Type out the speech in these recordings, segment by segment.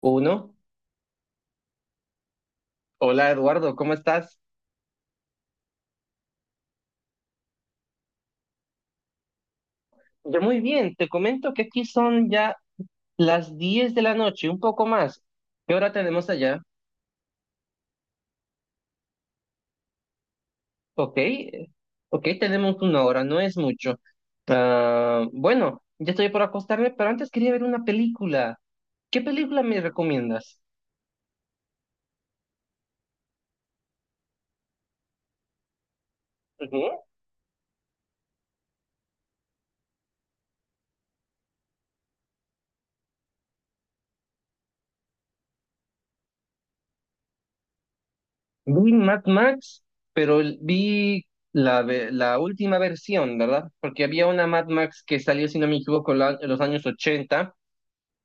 Uno. Hola Eduardo, ¿cómo estás? Yo muy bien, te comento que aquí son ya las 10 de la noche, un poco más. ¿Qué hora tenemos allá? Ok, ok, tenemos una hora, no es mucho. Ah, bueno, ya estoy por acostarme, pero antes quería ver una película. ¿Qué película me recomiendas? Ujú. Vi Mad Max, pero vi la última versión, ¿verdad? Porque había una Mad Max que salió, si no me equivoco, en los años 80.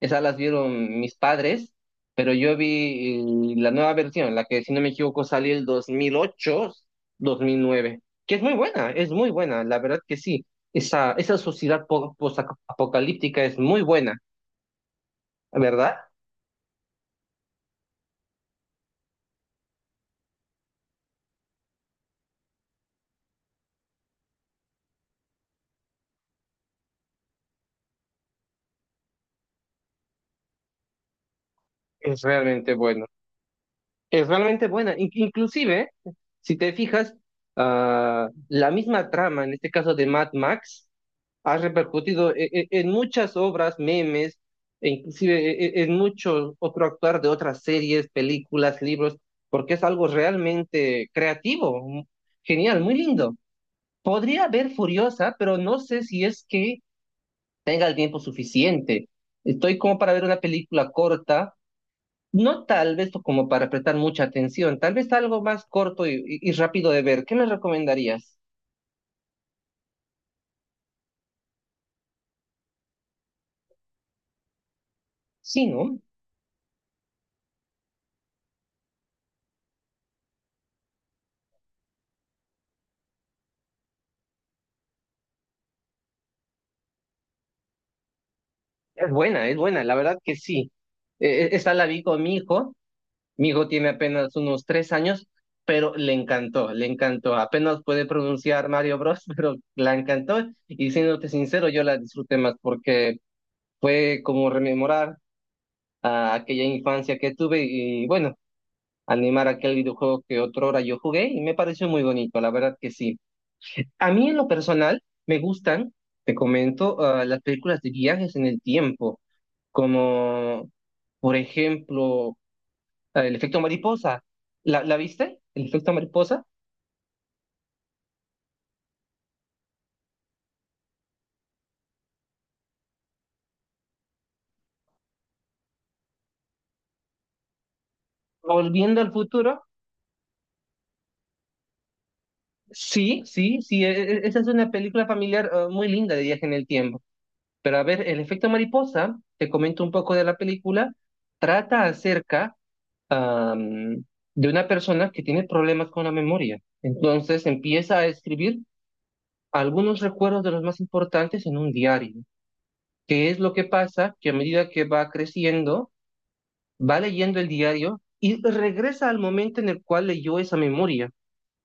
Esas las vieron mis padres, pero yo vi la nueva versión, la que si no me equivoco salió el dos mil ocho 2009, que es muy buena, la verdad que sí. Esa sociedad post-apocalíptica es muy buena, ¿verdad? Es realmente bueno. Es realmente buena. Inclusive, si te fijas, la misma trama, en este caso de Mad Max, ha repercutido en muchas obras, memes, e inclusive en mucho otro actuar de otras series, películas, libros, porque es algo realmente creativo, genial, muy lindo. Podría ver Furiosa, pero no sé si es que tenga el tiempo suficiente. Estoy como para ver una película corta, no tal vez como para prestar mucha atención, tal vez algo más corto y, y rápido de ver. ¿Qué me recomendarías? Sí, ¿no? Es buena, la verdad que sí. Esa la vi con mi hijo tiene apenas unos 3 años, pero le encantó, le encantó. Apenas puede pronunciar Mario Bros, pero la encantó. Y siéndote sincero, yo la disfruté más porque fue como rememorar a aquella infancia que tuve y, bueno, animar aquel videojuego que otrora yo jugué y me pareció muy bonito, la verdad que sí. A mí en lo personal me gustan, te comento, las películas de viajes en el tiempo, como por ejemplo el efecto mariposa. ¿La viste? ¿El efecto mariposa? Volviendo al futuro. Sí, sí, sí, esa es una película familiar, muy linda de viaje en el tiempo. Pero, a ver, el efecto mariposa, te comento un poco de la película, trata acerca, am, de una persona que tiene problemas con la memoria. Entonces empieza a escribir algunos recuerdos de los más importantes en un diario. ¿Qué es lo que pasa? Que a medida que va creciendo, va leyendo el diario y regresa al momento en el cual leyó esa memoria.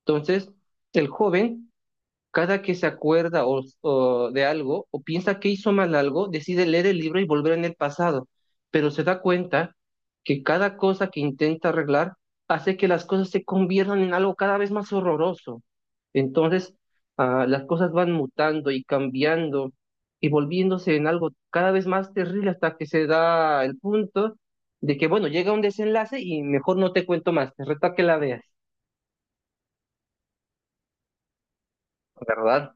Entonces, el joven, cada que se acuerda o de algo, o piensa que hizo mal algo, decide leer el libro y volver en el pasado, pero se da cuenta que cada cosa que intenta arreglar hace que las cosas se conviertan en algo cada vez más horroroso. Entonces, las cosas van mutando y cambiando y volviéndose en algo cada vez más terrible, hasta que se da el punto de que, bueno, llega un desenlace y mejor no te cuento más, te reto a que la veas, ¿verdad?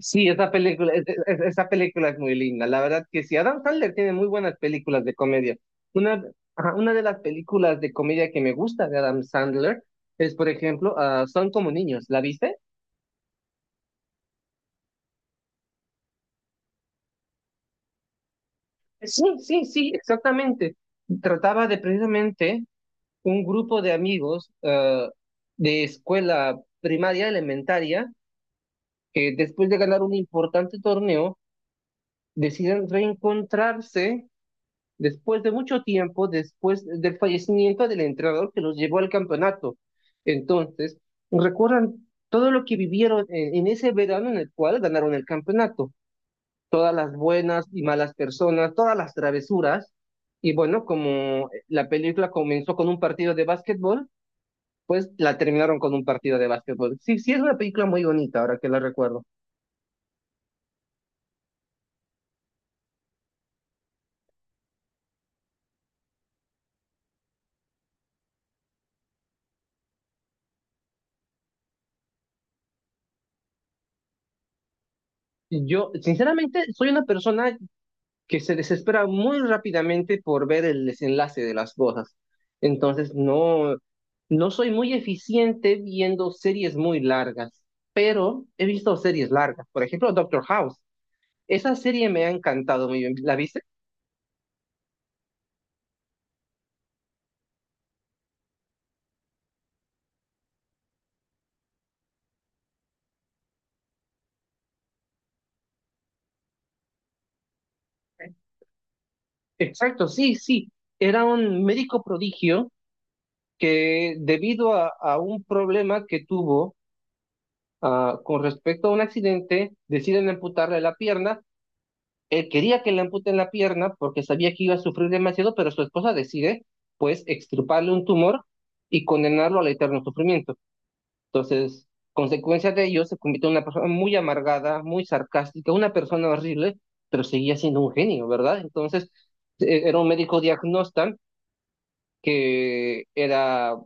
Sí, esa película, esa película es muy linda. La verdad que sí, Adam Sandler tiene muy buenas películas de comedia. Una, ajá, una de las películas de comedia que me gusta de Adam Sandler es, por ejemplo, Son como niños. ¿La viste? Sí, sí, sí, exactamente. Trataba de, precisamente, un grupo de amigos, de escuela primaria elementaria, que después de ganar un importante torneo deciden reencontrarse después de mucho tiempo, después del fallecimiento del entrenador que los llevó al campeonato. Entonces, recuerdan todo lo que vivieron en, ese verano en el cual ganaron el campeonato, todas las buenas y malas personas, todas las travesuras. Y bueno, como la película comenzó con un partido de básquetbol, pues la terminaron con un partido de básquetbol. Sí, sí, es una película muy bonita, ahora que la recuerdo. Yo, sinceramente, soy una persona que se desespera muy rápidamente por ver el desenlace de las cosas. Entonces, no, no soy muy eficiente viendo series muy largas, pero he visto series largas. Por ejemplo, Doctor House. Esa serie me ha encantado muy bien. ¿La viste? Sí. Exacto, sí, sí. Era un médico prodigio que, debido a un problema que tuvo con respecto a un accidente, deciden amputarle la pierna. Él quería que le amputen la pierna porque sabía que iba a sufrir demasiado, pero su esposa decide, pues, extirparle un tumor y condenarlo al eterno sufrimiento. Entonces, consecuencia de ello, se convirtió en una persona muy amargada, muy sarcástica, una persona horrible, pero seguía siendo un genio, ¿verdad? Entonces, era un médico diagnóstico que era,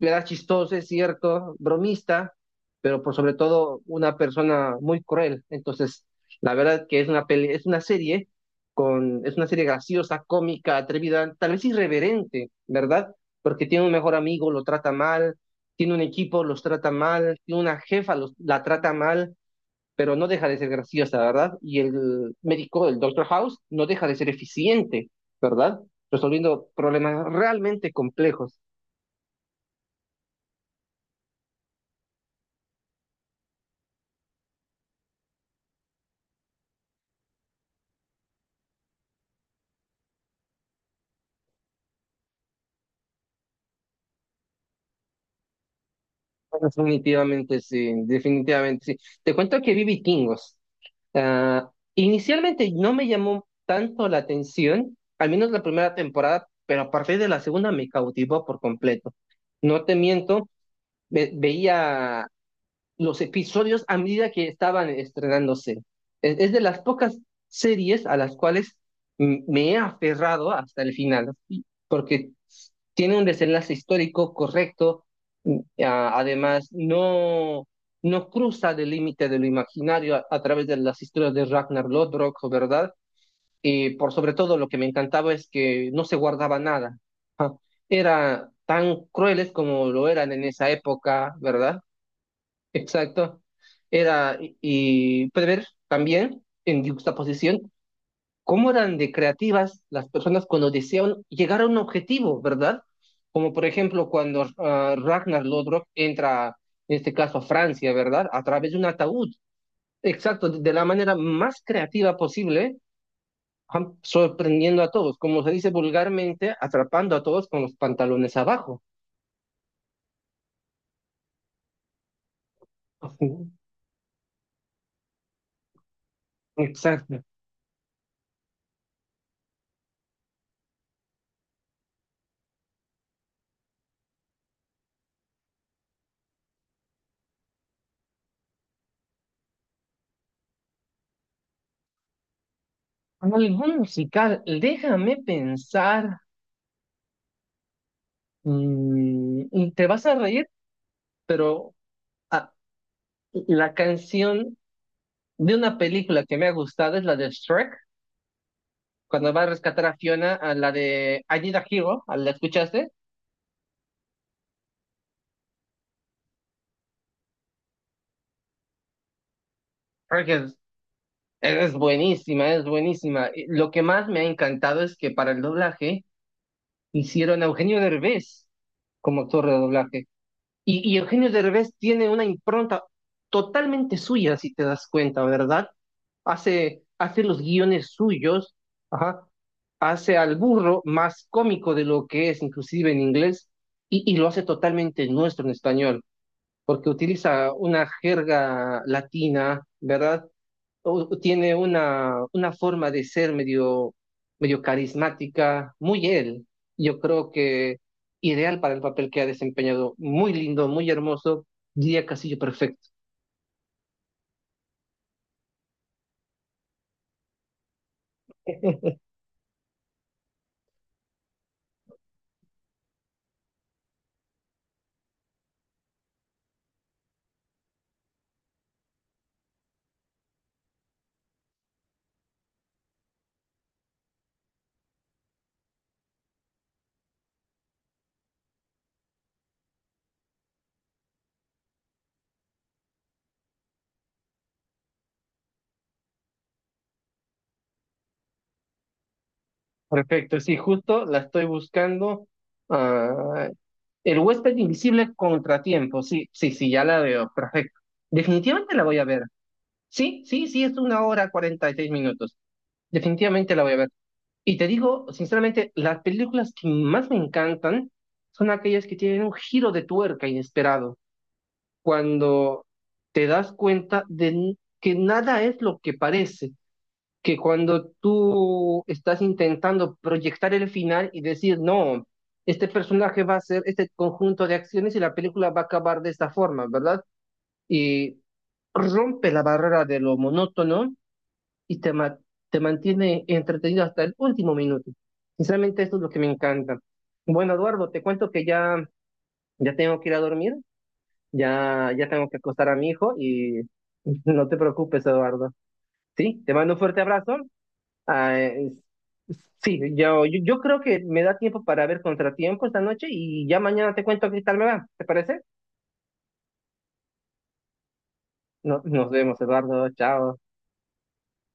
chistoso, es cierto, bromista, pero por sobre todo una persona muy cruel. Entonces, la verdad que es una serie es una serie graciosa, cómica, atrevida, tal vez irreverente, ¿verdad? Porque tiene un mejor amigo, lo trata mal, tiene un equipo, los trata mal, tiene una jefa, la trata mal, pero no deja de ser graciosa, ¿verdad? Y el médico, el Doctor House, no deja de ser eficiente, ¿verdad? Resolviendo problemas realmente complejos. Bueno, definitivamente sí, definitivamente sí. Te cuento que vi Vikingos. Ah, inicialmente no me llamó tanto la atención, al menos la primera temporada, pero a partir de la segunda me cautivó por completo. No te miento, veía los episodios a medida que estaban estrenándose. Es de las pocas series a las cuales me he aferrado hasta el final, porque tiene un desenlace histórico correcto, además, no, no cruza del límite de lo imaginario a través de las historias de Ragnar Lodbrok, ¿verdad? Y por sobre todo lo que me encantaba es que no se guardaba nada. Era tan crueles como lo eran en esa época, ¿verdad? Exacto. Era, y prever también en juxtaposición cómo eran de creativas las personas cuando deseaban llegar a un objetivo, ¿verdad? Como por ejemplo cuando, Ragnar Lodbrok entra, en este caso, a Francia, ¿verdad? A través de un ataúd. Exacto, de la manera más creativa posible, sorprendiendo a todos, como se dice vulgarmente, atrapando a todos con los pantalones abajo. Ujú. Exacto. ¿Algún musical? Déjame pensar. Y te vas a reír, pero, ah, la canción de una película que me ha gustado es la de Shrek, cuando va a rescatar a Fiona, a la de I Need a Hero. ¿A ¿La escuchaste? Shrek es buenísima, es buenísima. Y lo que más me ha encantado es que para el doblaje hicieron a Eugenio Derbez como actor de doblaje. Y Eugenio Derbez tiene una impronta totalmente suya, si te das cuenta, ¿verdad? Hace los guiones suyos, ajá, hace al burro más cómico de lo que es, inclusive en inglés, y lo hace totalmente nuestro en español, porque utiliza una jerga latina, ¿verdad? Tiene una, forma de ser medio, medio carismática, muy él. Yo creo que ideal para el papel que ha desempeñado. Muy lindo, muy hermoso, diría, Castillo perfecto. Perfecto, sí, justo la estoy buscando. Ah, el huésped invisible, contratiempo, sí, sí, sí, ya la veo, perfecto. Definitivamente la voy a ver. Sí, sí, sí, es una hora 46 minutos. Definitivamente la voy a ver. Y te digo, sinceramente, las películas que más me encantan son aquellas que tienen un giro de tuerca inesperado, cuando te das cuenta de que nada es lo que parece, que cuando tú estás intentando proyectar el final y decir, no, este personaje va a hacer este conjunto de acciones y la película va a acabar de esta forma, ¿verdad? Y rompe la barrera de lo monótono y te, te mantiene entretenido hasta el último minuto. Sinceramente, eso es lo que me encanta. Bueno, Eduardo, te cuento que ya, ya tengo que ir a dormir, ya, ya tengo que acostar a mi hijo y no te preocupes, Eduardo. Sí, te mando un fuerte abrazo. Ah, sí, yo creo que me da tiempo para ver Contratiempo esta noche y ya mañana te cuento qué tal me va. ¿Te parece? Nos vemos, Eduardo. Chao.